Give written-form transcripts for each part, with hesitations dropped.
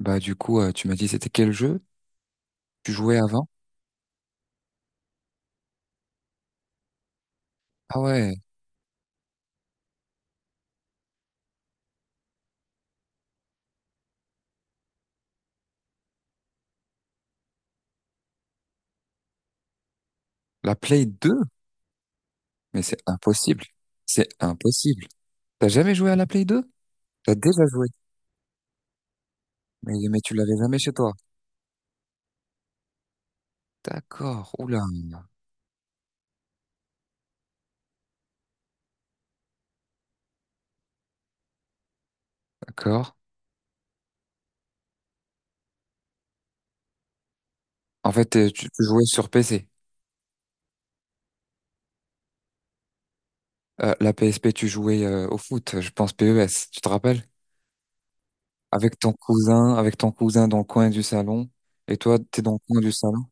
Bah du coup, tu m'as dit c'était quel jeu tu jouais avant? Ah ouais, la Play 2? Mais c'est impossible. C'est impossible. T'as jamais joué à la Play 2? T'as déjà joué. Mais tu l'avais jamais chez toi. D'accord. Oula. D'accord. En fait, tu jouais sur PC. La PSP, tu jouais au foot, je pense PES, tu te rappelles? Avec ton cousin dans le coin du salon. Et toi, t'es dans le coin du salon.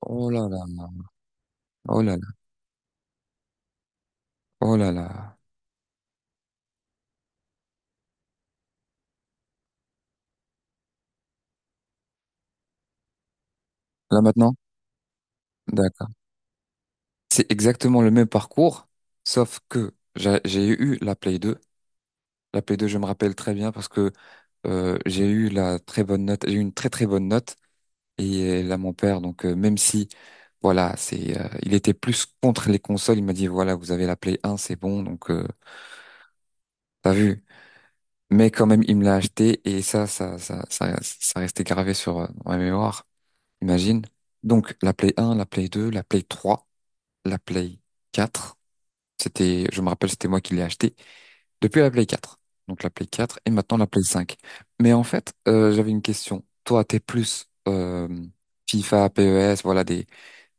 Oh là là. Oh là là. Oh là là. Là maintenant? C'est exactement le même parcours, sauf que j'ai eu la Play 2. La Play 2, je me rappelle très bien parce que j'ai eu la très bonne note, j'ai eu une très très bonne note. Et là, mon père, donc même si, voilà, il était plus contre les consoles, il m'a dit, voilà, vous avez la Play 1, c'est bon, donc t'as vu. Mais quand même, il me l'a acheté et ça restait gravé sur dans ma mémoire, imagine. Donc la Play 1, la Play 2, la Play 3, la Play 4. C'était, je me rappelle, c'était moi qui l'ai acheté. Depuis la Play 4. Donc la Play 4 et maintenant la Play 5. Mais en fait, j'avais une question. Toi, t'es plus FIFA, PES, voilà, des,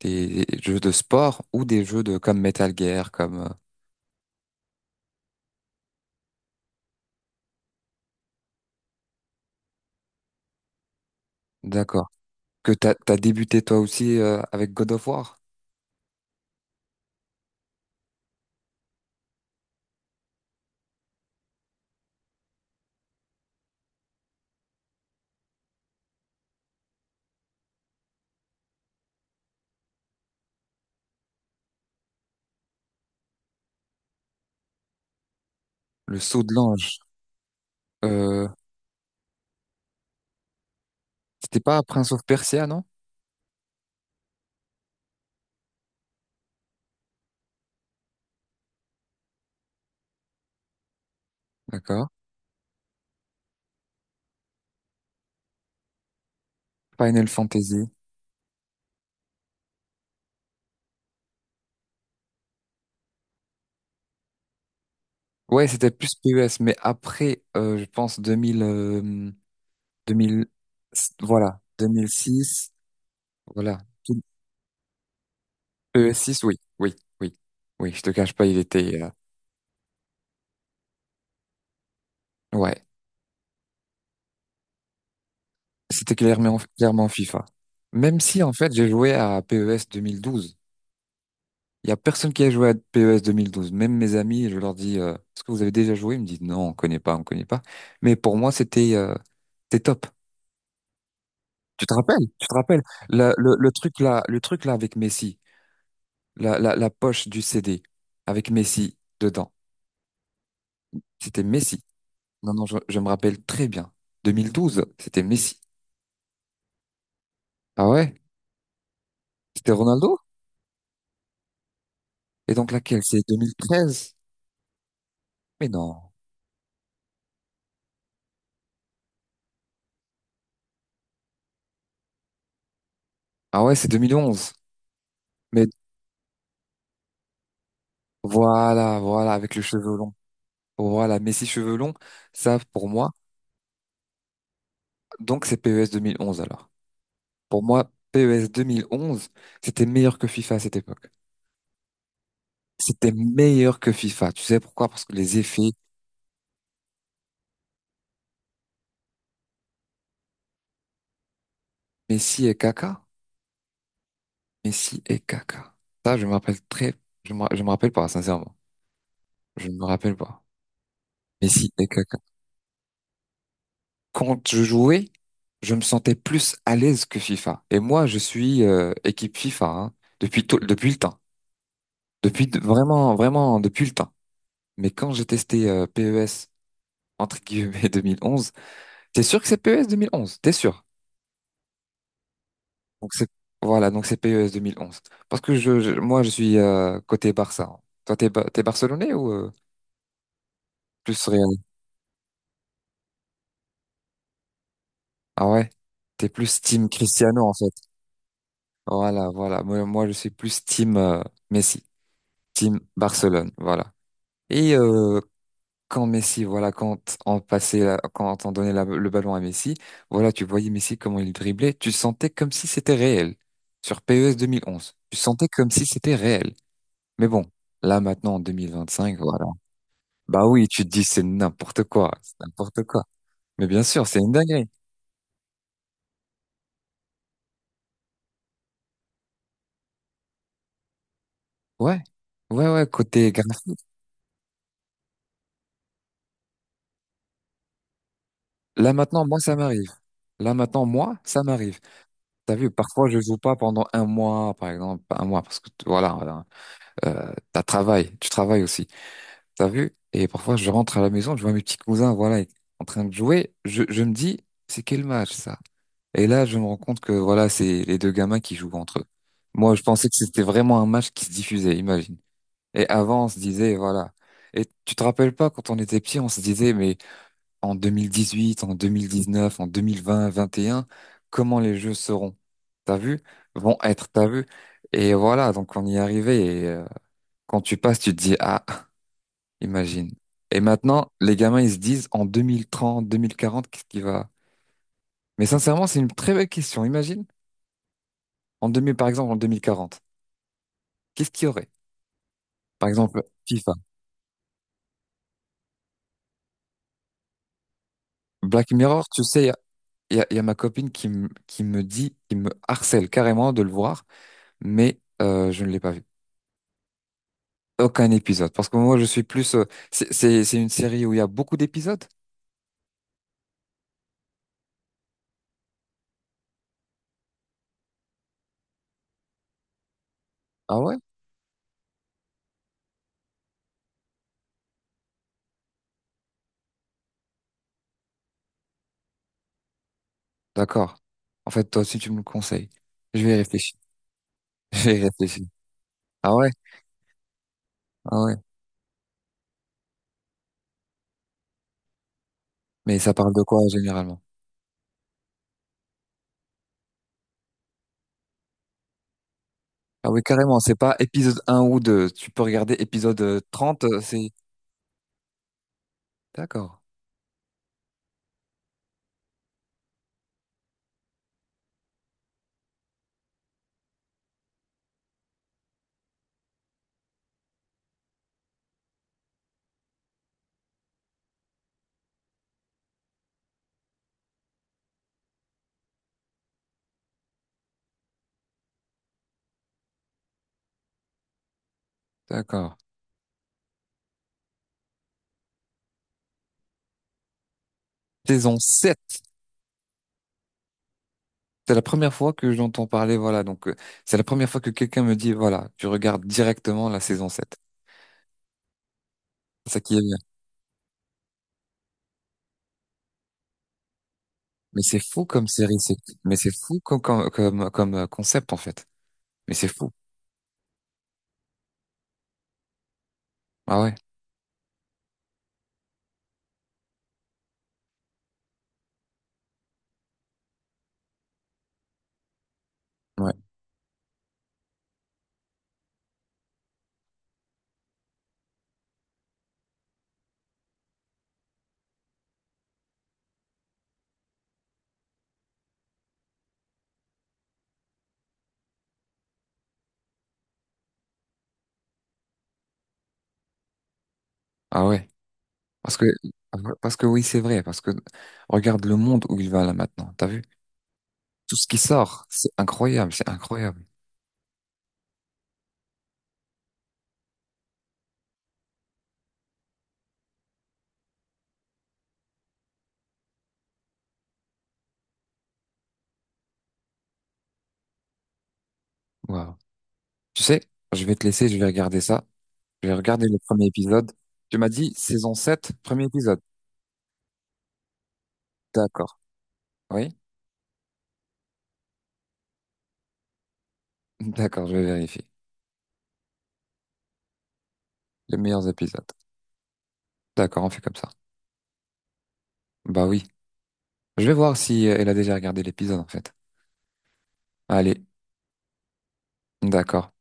des jeux de sport ou des jeux de comme Metal Gear, comme... D'accord. Que t'as débuté toi aussi avec God of War, le Saut de l'ange. Euh, c'était pas Prince of Persia, non? D'accord. Final Fantasy. Ouais, c'était plus PES, mais après, je pense 2000, 2000, voilà, 2006, voilà. es six oui, oui, oui, oui, je te cache pas, il était, ouais, c'était clairement, clairement FIFA. Même si, en fait, j'ai joué à PES 12. Il y a personne qui a joué à PES 12. Même mes amis, je leur dis, est-ce que vous avez déjà joué? Ils me disent, non, on connaît pas, on connaît pas. Mais pour moi, c'était top. Tu te rappelles? Tu te rappelles? Le truc là, le truc là avec Messi, la poche du CD avec Messi dedans. C'était Messi. Non, non, je me rappelle très bien. 2012, c'était Messi. Ah ouais? C'était Ronaldo? Et donc laquelle? C'est 2013? Mais non. Ah ouais, c'est 2011. Mais voilà, voilà, avec le cheveu long. Voilà, Messi cheveux longs, ça pour moi. Donc c'est PES 2011 alors. Pour moi, PES 2011, c'était meilleur que FIFA à cette époque. C'était meilleur que FIFA. Tu sais pourquoi? Parce que les effets Messi et Kaka. Messi et Kaka. Ça, je me rappelle pas, sincèrement. Je ne me rappelle pas. Messi et Kaka. Quand je jouais, je me sentais plus à l'aise que FIFA. Et moi, je suis équipe FIFA, hein, depuis le temps, vraiment vraiment depuis le temps. Mais quand j'ai testé PES entre guillemets 2011, t'es sûr que c'est PES 11? T'es sûr? Donc c'est voilà, donc c'est PES 11. Parce que moi je suis côté Barça, hein. Toi t'es t'es Barcelonais ou plus Real? Ah ouais, t'es plus team Cristiano en fait. Voilà voilà. Moi je suis plus team Messi, team Barcelone. Voilà. Et quand Messi, voilà, quand on passait, quand on donnait le ballon à Messi, voilà, tu voyais Messi comment il driblait, tu sentais comme si c'était réel. Sur PES 2011, tu sentais comme si c'était réel. Mais bon, là maintenant en 2025, voilà. Bah oui, tu te dis c'est n'importe quoi, c'est n'importe quoi. Mais bien sûr, c'est une dinguerie. Ouais, ouais, ouais. Là maintenant, moi ça m'arrive. Là maintenant, moi ça m'arrive. T'as vu, parfois je joue pas pendant un mois, par exemple, pas un mois parce que voilà. Voilà. Tu travailles aussi. T'as vu? Et parfois, je rentre à la maison, je vois mes petits cousins, voilà, en train de jouer. Je me dis, c'est quel match ça? Et là, je me rends compte que voilà, c'est les deux gamins qui jouent entre eux. Moi, je pensais que c'était vraiment un match qui se diffusait, imagine. Et avant, on se disait, voilà. Et tu te rappelles pas, quand on était petit, on se disait, mais en 2018, en 2019, en 2020, 21, comment les jeux seront? T'as vu? Vont être, t'as vu? Et voilà, donc on y est arrivé. Et, quand tu passes, tu te dis, ah. Imagine. Et maintenant, les gamins, ils se disent en 2030, 2040, qu'est-ce qui va... Mais sincèrement, c'est une très belle question. Imagine, en 2000, par exemple, en 2040, qu'est-ce qu'il y aurait? Par exemple, FIFA. Black Mirror, tu sais, il y a ma copine qui, qui me dit, qui me harcèle carrément de le voir, mais je ne l'ai pas vu. Aucun épisode. Parce que moi, je suis plus... C'est une série où il y a beaucoup d'épisodes? Ah ouais? D'accord. En fait, toi aussi, tu me le conseilles. Je vais y réfléchir. Je vais y réfléchir. Ah ouais? Ah ouais. Mais ça parle de quoi généralement? Ah oui, carrément, c'est pas épisode un ou 2. Tu peux regarder épisode 30, c'est... D'accord, d'accord. Saison sept. C'est la première fois que j'entends parler, voilà. Donc, c'est la première fois que quelqu'un me dit, voilà, tu regardes directement la saison 7. C'est ça qui est bien. Mais c'est fou comme série, c'est... Mais c'est fou comme, concept, en fait. Mais c'est fou. Ah ouais, ouais, ah ouais. Parce que, parce que oui, c'est vrai. Parce que regarde le monde où il va là maintenant. T'as vu? Tout ce qui sort, c'est incroyable, c'est incroyable. Waouh. Tu sais, je vais te laisser, je vais regarder ça. Je vais regarder le premier épisode. Tu m'as dit saison 7, premier épisode. D'accord. Oui? D'accord, je vais vérifier. Les meilleurs épisodes. D'accord, on fait comme ça. Bah oui. Je vais voir si elle a déjà regardé l'épisode, en fait. Allez, d'accord.